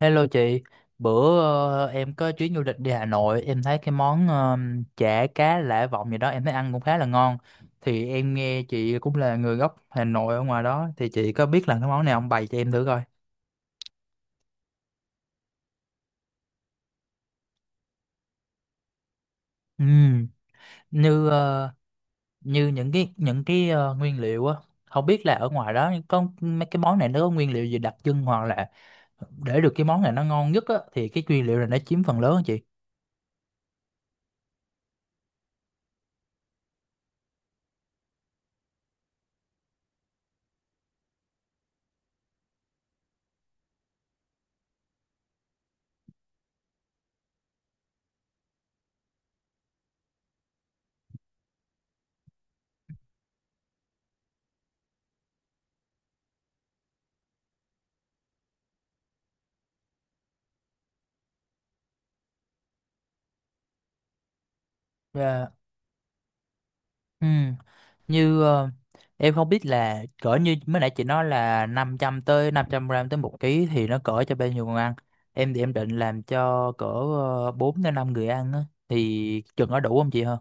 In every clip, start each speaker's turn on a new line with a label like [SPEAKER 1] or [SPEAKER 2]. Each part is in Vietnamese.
[SPEAKER 1] Hello chị, bữa em có chuyến du lịch đi Hà Nội, em thấy cái món chả cá Lã Vọng gì đó em thấy ăn cũng khá là ngon. Thì em nghe chị cũng là người gốc Hà Nội ở ngoài đó, thì chị có biết là cái món này không, bày cho em thử coi. Ừm, Như như những cái nguyên liệu á, không biết là ở ngoài đó có mấy cái món này nó có nguyên liệu gì đặc trưng hoặc là để được cái món này nó ngon nhất á thì cái nguyên liệu này nó chiếm phần lớn á chị. Dạ. Ừ. như ờ, em không biết là cỡ như mới nãy chị nói là 500 tới 500 gram tới 1 ký thì nó cỡ cho bao nhiêu người ăn. Em thì em định làm cho cỡ 4 đến 5 người ăn á, thì chừng có đủ không chị hả?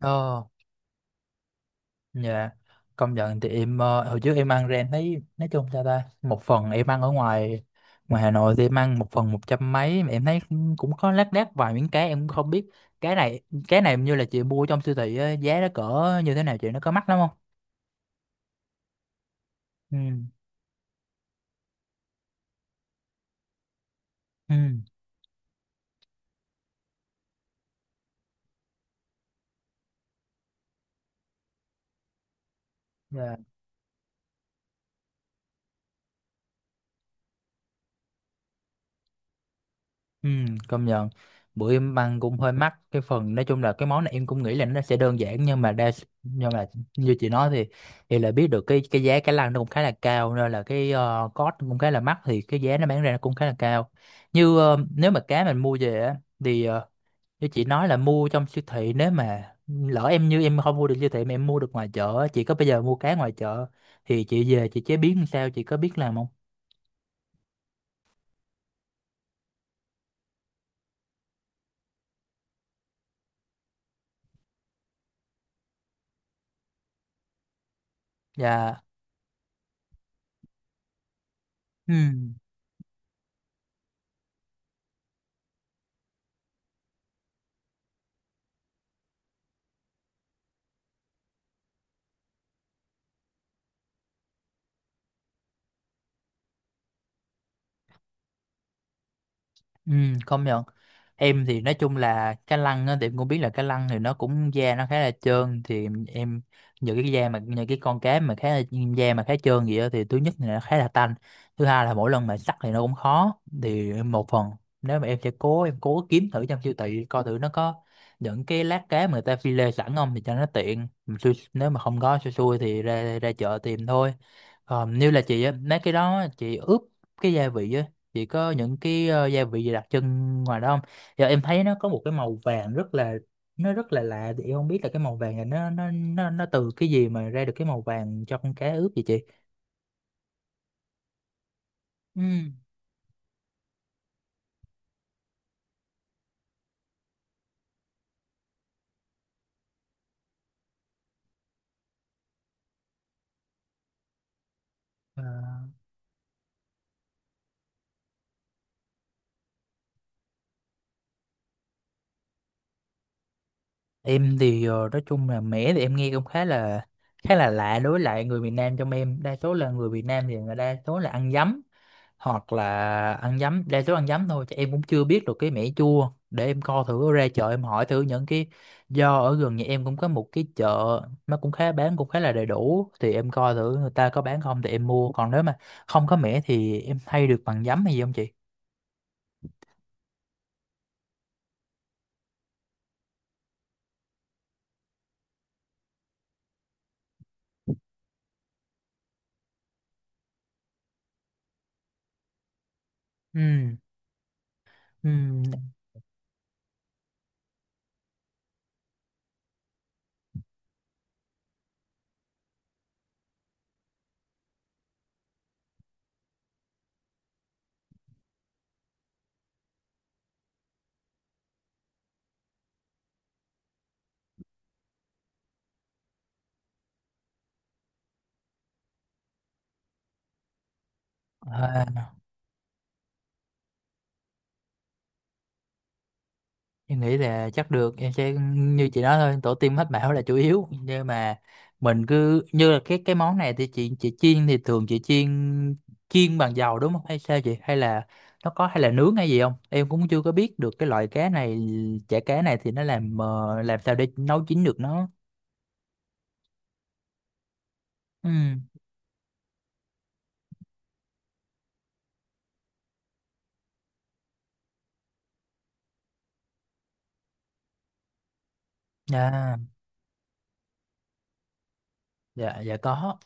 [SPEAKER 1] Ờ, dạ. Công nhận. Thì em hồi trước em ăn ra em thấy nói chung sao ta, một phần em ăn ở ngoài ngoài Hà Nội thì em ăn một phần 100 mấy mà em thấy cũng cũng có lác đác vài miếng cá em cũng không biết. Cái này cái này như là chị mua trong siêu thị á, giá nó cỡ như thế nào chị, nó có mắc lắm không? Ừ. Ừ. Dạ. Ừ, công nhận. Bữa em ăn cũng hơi mắc, cái phần nói chung là cái món này em cũng nghĩ là nó sẽ đơn giản nhưng mà đa- nhưng mà như chị nói thì là biết được cái giá cá lăng nó cũng khá là cao, nên là cái cost cũng khá là mắc thì cái giá nó bán ra nó cũng khá là cao. Nếu mà cá mình mua về á thì như chị nói là mua trong siêu thị, nếu mà lỡ em em không mua được siêu thị mà em mua được ngoài chợ á, chị có bây giờ mua cá ngoài chợ thì chị về chị chế biến làm sao, chị có biết làm không? Dạ. Ừ. Ừ, công nhận. Em thì nói chung là cá lăng á, thì em cũng biết là cá lăng thì nó cũng da nó khá là trơn thì những cái da mà những cái con cá mà khá là da mà khá trơn gì đó thì thứ nhất là nó khá là tanh, thứ hai là mỗi lần mà sắc thì nó cũng khó. Thì em một phần nếu mà em sẽ cố, em cố kiếm thử trong siêu thị coi thử nó có những cái lát cá mà người ta phi lê sẵn không, thì cho nó tiện. Mà nếu mà không có xui xui thì ra ra chợ tìm thôi. Còn như là chị á, mấy cái đó chị ướp cái gia vị á, chị có những cái gia vị gì đặc trưng ngoài đó không? Giờ em thấy nó có một cái màu vàng rất là, nó rất là lạ, thì em không biết là cái màu vàng này nó từ cái gì mà ra được cái màu vàng cho con cá ướp vậy chị? Ừ. Ờ, em thì nói chung là mẻ thì em nghe cũng khá là lạ đối với lại người miền Nam, trong em đa số là người Việt Nam thì người đa số là ăn giấm, hoặc là ăn giấm đa số ăn giấm thôi, chứ em cũng chưa biết được cái mẻ chua, để em co thử ra chợ em hỏi thử. Những cái do ở gần nhà em cũng có một cái chợ, nó cũng khá bán cũng khá là đầy đủ thì em coi thử người ta có bán không thì em mua, còn nếu mà không có mẻ thì em thay được bằng giấm hay gì không chị? Ừ. Ừ. Em nghĩ là chắc được, em sẽ như chị nói thôi, tổ tiên mách bảo là chủ yếu, nhưng mà mình cứ như là cái món này thì chị chiên thì thường chị chiên chiên bằng dầu đúng không hay sao chị, hay là nó có hay là nướng hay gì không, em cũng chưa có biết được cái loại cá này, chả cá này thì nó làm làm sao để nấu chín được nó. Ừ. Dạ. Dạ có.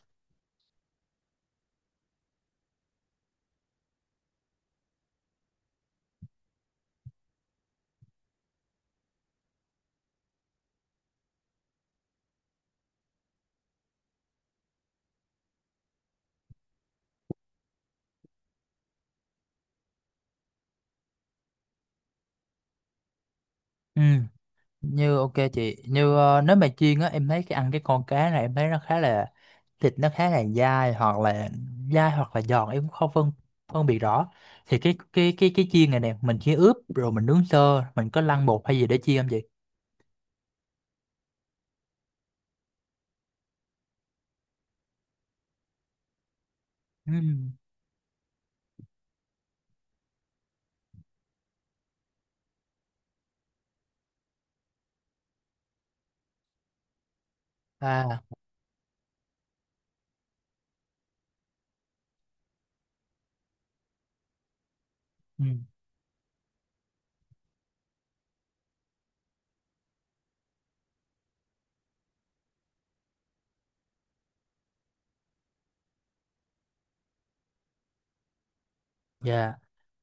[SPEAKER 1] Ừ. Ok chị. Nếu mà chiên á em thấy cái ăn cái con cá này em thấy nó khá là, thịt nó khá là dai hoặc là dai hoặc là giòn em cũng không phân phân biệt rõ. Thì cái chiên này nè, mình chỉ ướp rồi mình nướng sơ, mình có lăn bột hay gì để chiên không chị? Ừm, À. ừm, dạ.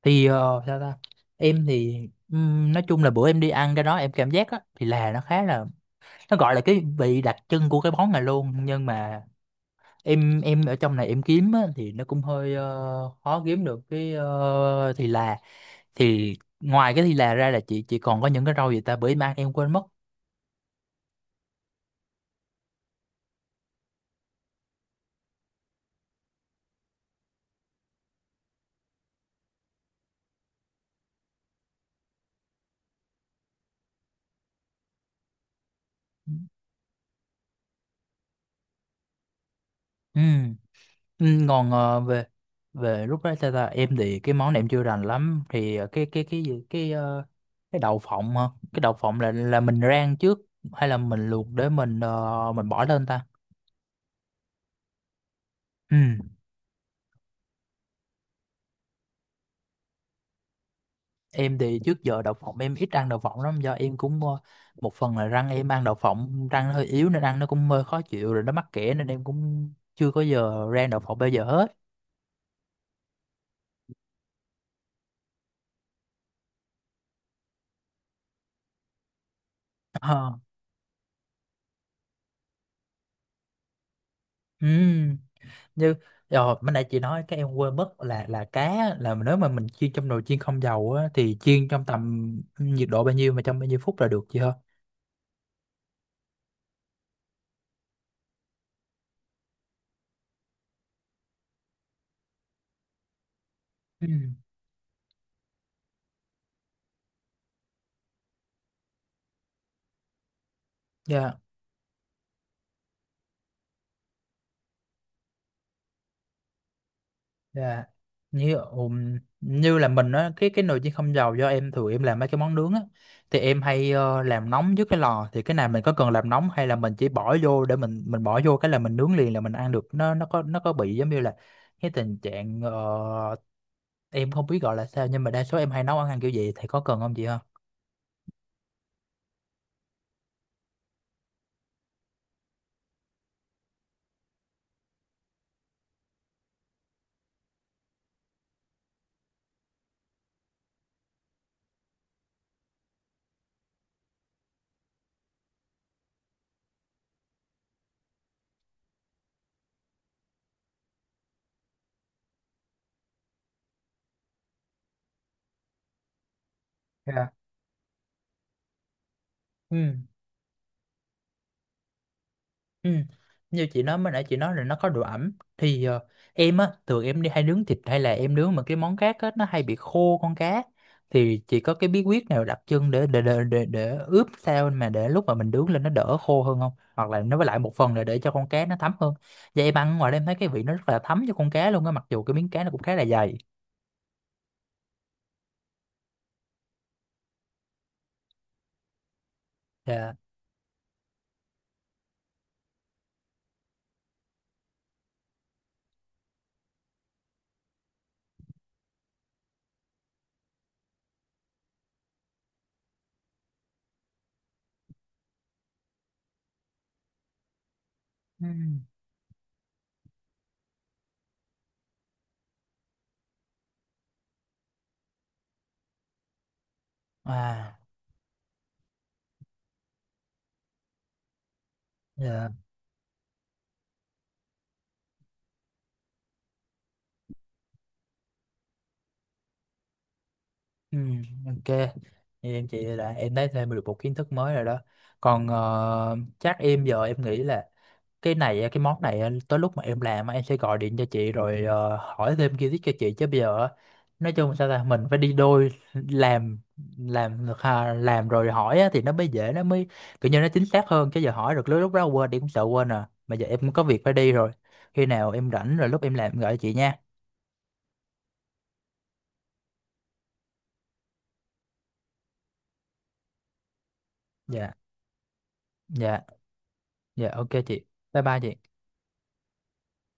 [SPEAKER 1] Thì sao ta em thì nói chung là bữa em đi ăn cái đó em cảm giác á thì là nó khá là, nó gọi là cái vị đặc trưng của cái món này luôn, nhưng mà em ở trong này em kiếm á, thì nó cũng hơi khó kiếm được cái thì là. thì Ngoài cái thì là ra là chị còn có những cái rau gì ta, bởi mang em quên mất. Ừ. Ừ, còn về về lúc đó ta, em thì cái món này em chưa rành lắm thì cái gì cái cái đậu phộng hả? Cái đậu phộng là mình rang trước hay là mình luộc để mình mình bỏ lên ta? Ừ. Em thì trước giờ đậu phộng em ít ăn đậu phộng lắm do em cũng một phần là răng em ăn đậu phộng, răng nó hơi yếu nên ăn nó cũng hơi khó chịu, rồi nó mắc kẽ nên em cũng chưa có giờ rang đậu phộng bao giờ hết. Ờ. Ừ. như Rồi bữa nãy chị nói cái em quên mất là cá, là nếu mà mình chiên trong nồi chiên không dầu á thì chiên trong tầm nhiệt độ bao nhiêu mà trong bao nhiêu phút là được chị hả? Ừ. Dạ, dạ. Như Như là mình á cái nồi chiên không dầu do em thường em làm mấy cái món nướng á thì em hay làm nóng trước cái lò, thì cái này mình có cần làm nóng hay là mình chỉ bỏ vô để mình bỏ vô cái là mình nướng liền là mình ăn được, nó có có bị giống như là cái tình trạng em không biết gọi là sao, nhưng mà đa số em hay nấu ăn ăn kiểu vậy thì có cần không chị ha? Dạ. Ừ, ừ. Như chị nói, mới nãy chị nói là nó có độ ẩm thì em á thường em đi hay nướng thịt hay là em nướng mà cái món cá á nó hay bị khô con cá, thì chị có cái bí quyết nào đặc trưng để ướp sao mà để lúc mà mình nướng lên nó đỡ khô hơn không, hoặc là nó với lại một phần là để cho con cá nó thấm hơn. Vậy em ăn ngoài đây em thấy cái vị nó rất là thấm cho con cá luôn á mặc dù cái miếng cá nó cũng khá là dày. Dạ. Ừ. À. Dạ. Ừ, ok. Vậy em chị là em thấy thêm được một kiến thức mới rồi đó. Còn chắc em giờ em nghĩ là cái này á, cái món này á, tới lúc mà em làm á, em sẽ gọi điện cho chị rồi hỏi thêm kiến thức cho chị, chứ bây giờ á nói chung sao ta, mình phải đi đôi làm được ha, làm rồi hỏi á thì nó mới dễ, nó mới kiểu như nó chính xác hơn, chứ giờ hỏi được lúc lúc đó quên đi cũng sợ quên. À mà giờ em cũng có việc phải đi rồi. Khi nào em rảnh rồi lúc em làm em gọi cho chị nha. Dạ. dạ dạ ok chị. Bye bye chị.